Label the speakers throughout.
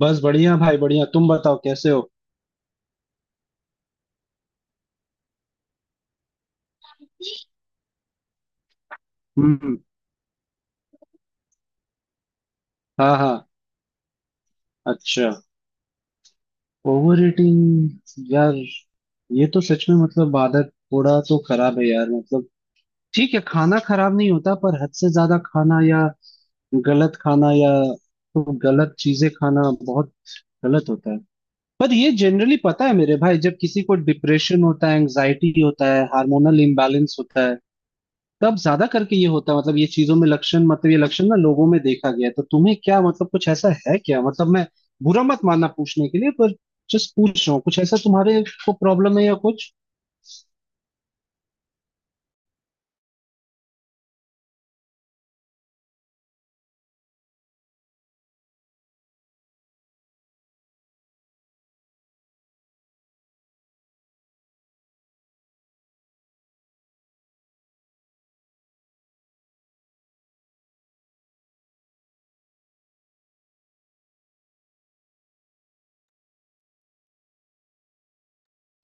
Speaker 1: बस बढ़िया भाई बढ़िया। तुम बताओ कैसे हो। हम्म। हाँ हाँ। अच्छा। ओवर ईटिंग यार, ये तो सच में मतलब आदत थोड़ा तो खराब है यार, मतलब ठीक है, खाना खराब नहीं होता पर हद से ज्यादा खाना या गलत खाना या तो गलत चीजें खाना बहुत गलत होता है। पर ये जनरली पता है मेरे भाई, जब किसी को डिप्रेशन होता है, एंजाइटी होता है, हार्मोनल इम्बैलेंस होता है, तब ज्यादा करके ये होता है। मतलब ये चीजों में लक्षण, मतलब ये लक्षण ना लोगों में देखा गया है। तो तुम्हें क्या, मतलब कुछ ऐसा है क्या? मतलब मैं बुरा मत मानना पूछने के लिए, पर जस्ट पूछ रहा हूँ कुछ ऐसा तुम्हारे को प्रॉब्लम है या कुछ।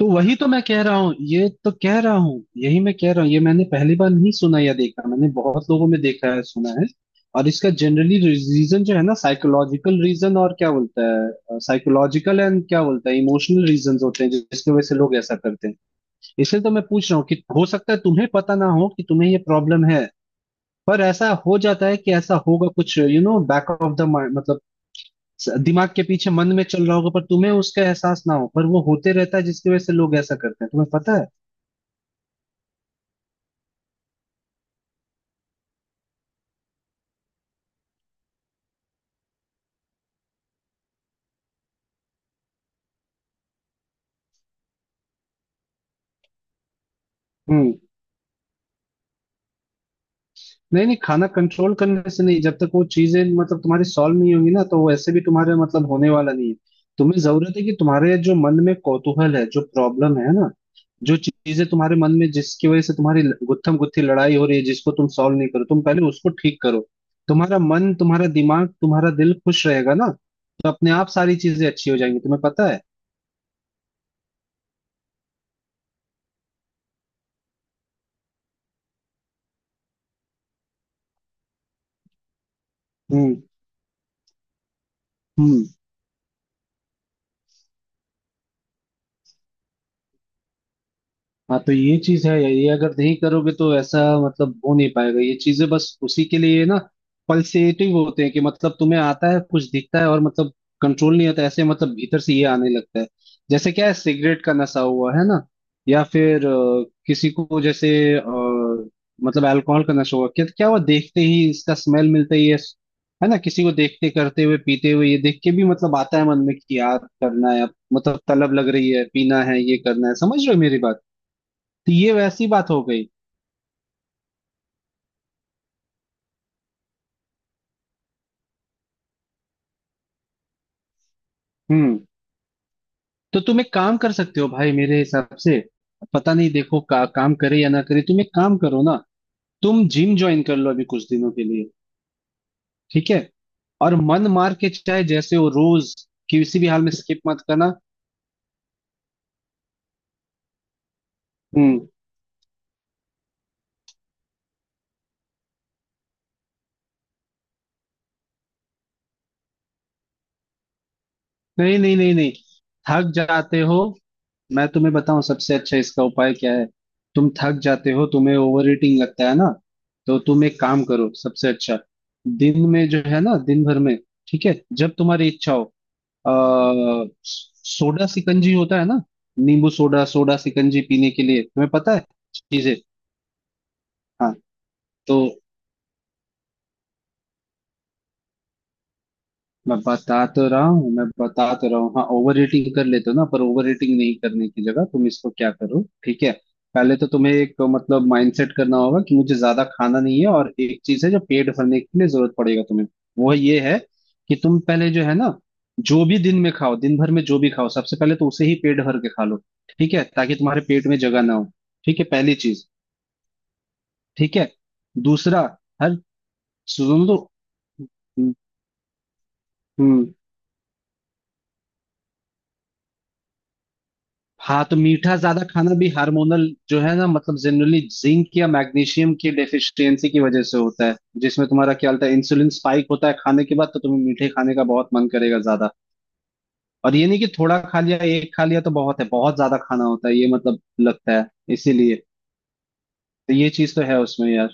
Speaker 1: तो वही तो मैं कह रहा हूँ, ये तो कह रहा हूँ, यही मैं कह रहा हूँ। ये मैंने पहली बार नहीं सुना या देखा, मैंने बहुत लोगों में देखा है, सुना है। और इसका जनरली रीजन जो है ना, साइकोलॉजिकल रीजन और क्या बोलता है, साइकोलॉजिकल एंड क्या बोलता है इमोशनल रीजन होते हैं, जिसकी वजह से लोग ऐसा करते हैं। इसलिए तो मैं पूछ रहा हूँ कि हो सकता है तुम्हें पता ना हो कि तुम्हें ये प्रॉब्लम है। पर ऐसा हो जाता है कि ऐसा होगा कुछ, you know, back of the mind, मतलब दिमाग के पीछे, मन में चल रहा होगा पर तुम्हें उसका एहसास ना हो, पर वो होते रहता है जिसकी वजह से लोग ऐसा करते हैं। तुम्हें पता है। हम्म। नहीं नहीं, खाना कंट्रोल करने से नहीं। जब तक वो चीजें मतलब तुम्हारी सॉल्व नहीं होंगी ना, तो वैसे भी तुम्हारे मतलब होने वाला नहीं है। तुम्हें जरूरत है कि तुम्हारे जो मन में कौतूहल है, जो प्रॉब्लम है ना, जो चीजें तुम्हारे मन में, जिसकी वजह से तुम्हारी गुत्थम गुत्थी लड़ाई हो रही है, जिसको तुम सॉल्व नहीं करो, तुम पहले उसको ठीक करो। तुम्हारा मन, तुम्हारा दिमाग, तुम्हारा दिल खुश रहेगा ना, तो अपने आप सारी चीजें अच्छी हो जाएंगी। तुम्हें पता है। हम्म। हम्म। हाँ, तो ये चीज है, ये अगर नहीं करोगे तो ऐसा मतलब हो नहीं पाएगा। ये चीजें बस उसी के लिए ना पल्सेटिव होते हैं कि मतलब तुम्हें आता है, कुछ दिखता है और मतलब कंट्रोल नहीं आता, ऐसे मतलब भीतर से ये आने लगता है। जैसे क्या है, सिगरेट का नशा हुआ है ना, या फिर किसी को जैसे अ, मतलब अल्कोहल का नशा हुआ, क्या क्या हुआ, देखते ही इसका स्मेल मिलता ही है। yes, है ना, किसी को देखते, करते हुए, पीते हुए ये देख के भी मतलब आता है मन में कि यार करना है अब, मतलब तलब लग रही है, पीना है, ये करना है। समझ रहे हो मेरी बात? तो ये वैसी बात हो गई। हम्म। तो तुम एक काम कर सकते हो भाई मेरे हिसाब से। पता नहीं देखो काम करे या ना करे, तुम एक काम करो ना, तुम जिम ज्वाइन कर लो अभी कुछ दिनों के लिए। ठीक है, और मन मार के चाहे जैसे हो, रोज किसी भी हाल में स्किप मत करना। हम्म। नहीं नहीं नहीं नहीं, थक जाते हो। मैं तुम्हें बताऊं सबसे अच्छा इसका उपाय क्या है। तुम थक जाते हो, तुम्हें ओवर ईटिंग लगता है ना, तो तुम एक काम करो सबसे अच्छा। दिन में जो है ना, दिन भर में, ठीक है, जब तुम्हारी इच्छा हो, अ, सोडा सिकंजी होता है ना, नींबू सोडा, सोडा सिकंजी पीने के लिए। तुम्हें पता है चीजें। हाँ तो मैं बता तो रहा हूँ, मैं बता तो रहा हूँ, हाँ ओवर रेटिंग कर लेते हो ना, पर ओवर रेटिंग नहीं करने की जगह तुम इसको क्या करो, ठीक है। पहले तो तुम्हें एक मतलब माइंडसेट करना होगा कि मुझे ज्यादा खाना नहीं है। और एक चीज है जो पेट भरने के लिए जरूरत पड़ेगा तुम्हें, वो ये है कि तुम पहले जो है ना, जो भी दिन में खाओ, दिन भर में जो भी खाओ सबसे पहले तो उसे ही पेट भर के खा लो, ठीक है, ताकि तुम्हारे पेट में जगह ना हो। ठीक है पहली चीज, ठीक है दूसरा, हर सुनो तो। हम्म। हम्म, हाँ तो मीठा ज्यादा खाना भी हार्मोनल जो है ना, मतलब जनरली जिंक या मैग्नीशियम की डेफिशिएंसी की वजह से होता है, जिसमें तुम्हारा क्या होता है, इंसुलिन स्पाइक होता है खाने के बाद, तो तुम्हें मीठे खाने का बहुत मन करेगा ज्यादा। और ये नहीं कि थोड़ा खा लिया, एक खा लिया तो बहुत है, बहुत ज्यादा खाना होता है ये मतलब लगता है। इसीलिए तो ये चीज तो है उसमें यार।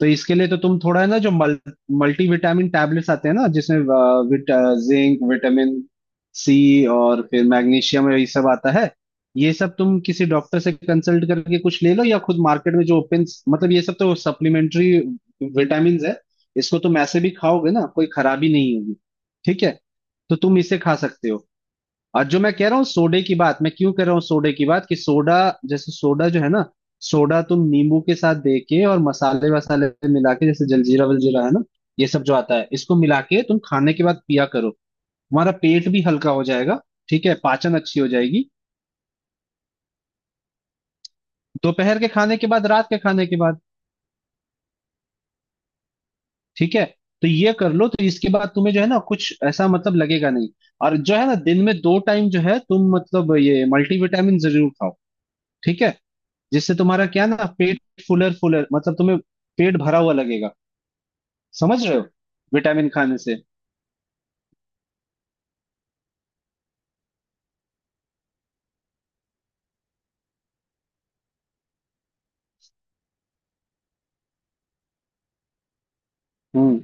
Speaker 1: तो इसके लिए तो तुम थोड़ा है ना जो मल्टीविटामिन टैबलेट्स आते हैं ना, जिसमें जिंक, विटामिन सी और फिर मैग्नीशियम, ये सब आता है। ये सब तुम किसी डॉक्टर से कंसल्ट करके कुछ ले लो, या खुद मार्केट में जो ओपन, मतलब ये सब तो सप्लीमेंट्री विटामिन है, इसको तुम ऐसे भी खाओगे ना कोई खराबी नहीं होगी। ठीक है, तो तुम इसे खा सकते हो। और जो मैं कह रहा हूँ सोडे की बात, मैं क्यों कह रहा हूँ सोडे की बात, कि सोडा, जैसे सोडा जो है ना, सोडा तुम नींबू के साथ दे के और मसाले वसाले मिला के, जैसे जलजीरा वलजीरा है ना, ये सब जो आता है इसको मिला के तुम खाने के बाद पिया करो, तुम्हारा पेट भी हल्का हो जाएगा। ठीक है, पाचन अच्छी हो जाएगी। दोपहर के खाने के बाद, रात के खाने के बाद, ठीक है। तो ये कर लो, तो इसके बाद तुम्हें जो है ना कुछ ऐसा मतलब लगेगा नहीं। और जो है ना, दिन में दो टाइम जो है, तुम मतलब ये मल्टीविटामिन जरूर खाओ, ठीक है, जिससे तुम्हारा क्या ना, पेट फुलर फुलर मतलब तुम्हें पेट भरा हुआ लगेगा समझ रहे हो? विटामिन खाने से हम्म।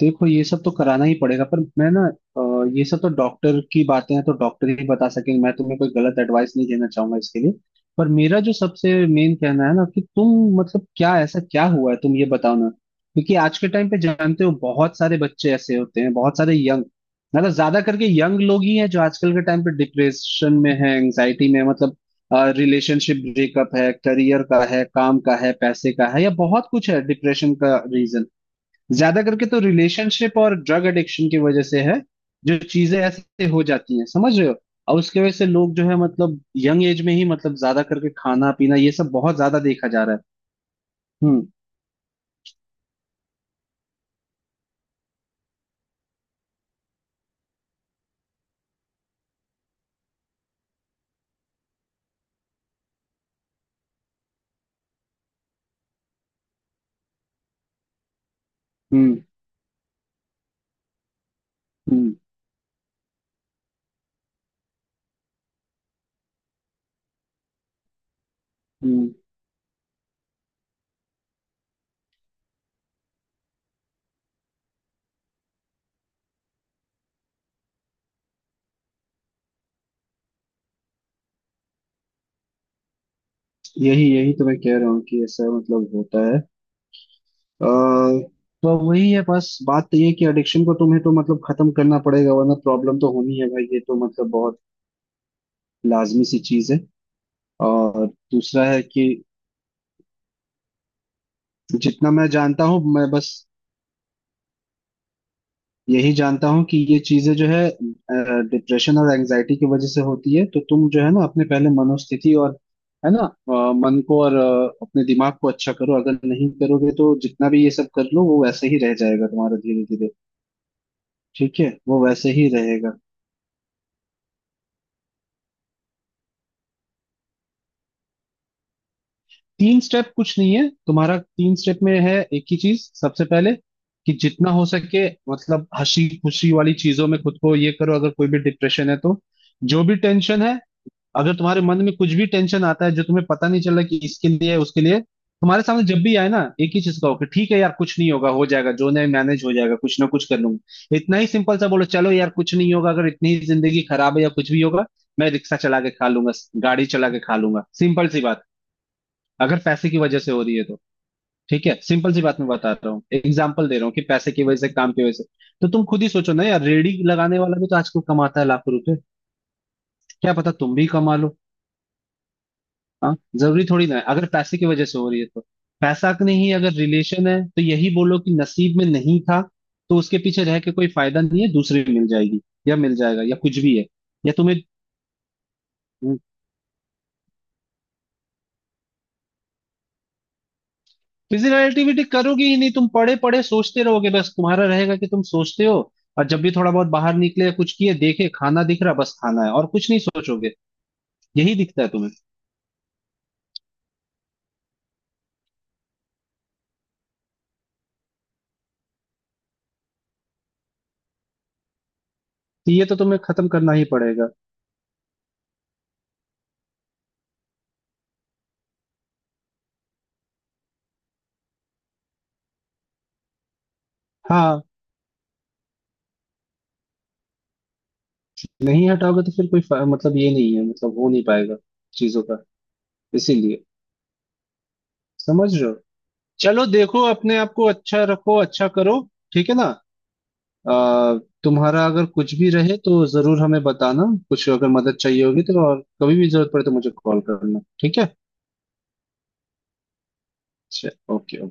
Speaker 1: देखो ये सब तो कराना ही पड़ेगा, पर मैं ना, ये सब तो डॉक्टर की बातें हैं, तो डॉक्टर ही बता सकेंगे, मैं तुम्हें कोई गलत एडवाइस नहीं देना चाहूंगा इसके लिए। पर मेरा जो सबसे मेन कहना है ना, कि तुम मतलब क्या, ऐसा क्या हुआ है तुम ये बताओ ना, क्योंकि आज के टाइम पे जानते हो बहुत सारे बच्चे ऐसे होते हैं, बहुत सारे यंग, मतलब ज्यादा करके यंग लोग ही हैं जो आजकल के टाइम पे डिप्रेशन में है, एंग्जाइटी में है, मतलब रिलेशनशिप ब्रेकअप है, करियर का है, काम का है, पैसे का है, या बहुत कुछ है डिप्रेशन का रीजन। ज्यादा करके तो रिलेशनशिप और ड्रग एडिक्शन की वजह से है जो चीजें ऐसे हो जाती हैं, समझ रहे हो। और उसके वजह से लोग जो है मतलब यंग एज में ही मतलब ज्यादा करके खाना पीना ये सब बहुत ज्यादा देखा जा रहा है। हम्म। हम्म। हम्म। हम्म। यही यही तो मैं कह रहा हूँ कि ऐसा मतलब होता है। अ, तो वही है, बस बात तो ये है कि एडिक्शन को तुम्हें तो मतलब खत्म करना पड़ेगा, वरना प्रॉब्लम तो होनी है भाई, ये तो मतलब बहुत लाजमी सी चीज है। और दूसरा है कि जितना मैं जानता हूँ, मैं बस यही जानता हूँ कि ये चीजें जो है डिप्रेशन और एंजाइटी की वजह से होती है, तो तुम जो है ना अपने पहले मनोस्थिति और है ना, मन को और अपने दिमाग को अच्छा करो। अगर नहीं करोगे तो जितना भी ये सब कर लो, वो वैसे ही रह जाएगा तुम्हारा धीरे धीरे। ठीक है, वो वैसे ही रहेगा। तीन स्टेप कुछ नहीं है, तुम्हारा तीन स्टेप में है एक ही चीज सबसे पहले, कि जितना हो सके मतलब हंसी खुशी वाली चीजों में खुद को ये करो। अगर कोई भी डिप्रेशन है तो, जो भी टेंशन है, अगर तुम्हारे मन में कुछ भी टेंशन आता है, जो तुम्हें पता नहीं चल रहा कि इसके लिए है, उसके लिए, तुम्हारे सामने जब भी आए ना, एक ही चीज कहो कि ठीक है यार, कुछ नहीं होगा, हो जाएगा, जो नहीं मैनेज हो जाएगा कुछ ना कुछ कर लूंगा। इतना ही सिंपल सा बोलो, चलो यार कुछ नहीं होगा। अगर इतनी ही जिंदगी खराब है या कुछ भी होगा, मैं रिक्शा चला के खा लूंगा, गाड़ी चला के खा लूंगा, सिंपल सी बात। अगर पैसे की वजह से हो रही है तो ठीक है, सिंपल सी बात, मैं बता रहा हूँ एग्जाम्पल दे रहा हूँ कि पैसे की वजह से, काम की वजह से, तो तुम खुद ही सोचो ना यार, रेडी लगाने वाला भी तो आजकल कमाता है लाखों रुपए, क्या पता तुम भी कमा लो। हाँ, जरूरी थोड़ी ना है अगर पैसे की वजह से हो रही है तो। पैसा का नहीं, अगर रिलेशन है तो यही बोलो कि नसीब में नहीं था, तो उसके पीछे रह के कोई फायदा नहीं है, दूसरी मिल जाएगी या मिल जाएगा, या कुछ भी है। या तुम्हें फिजिकल एक्टिविटी करोगे ही नहीं, तुम पढ़े पढ़े सोचते रहोगे, बस तुम्हारा रहेगा कि तुम सोचते हो। और जब भी थोड़ा बहुत बाहर निकले या कुछ किए, देखे खाना दिख रहा, बस खाना है और कुछ नहीं सोचोगे, यही दिखता है तुम्हें। तो ये तो तुम्हें खत्म करना ही पड़ेगा। हाँ, नहीं हटाओगे तो फिर मतलब ये नहीं है, मतलब हो नहीं पाएगा चीजों का, इसीलिए। समझ रहे हो? चलो, देखो अपने आप को अच्छा रखो, अच्छा करो। ठीक है ना। आ, तुम्हारा अगर कुछ भी रहे तो जरूर हमें बताना, कुछ अगर मदद चाहिए होगी तो, और कभी भी जरूरत पड़े तो मुझे कॉल करना, ठीक है। अच्छा, ओके।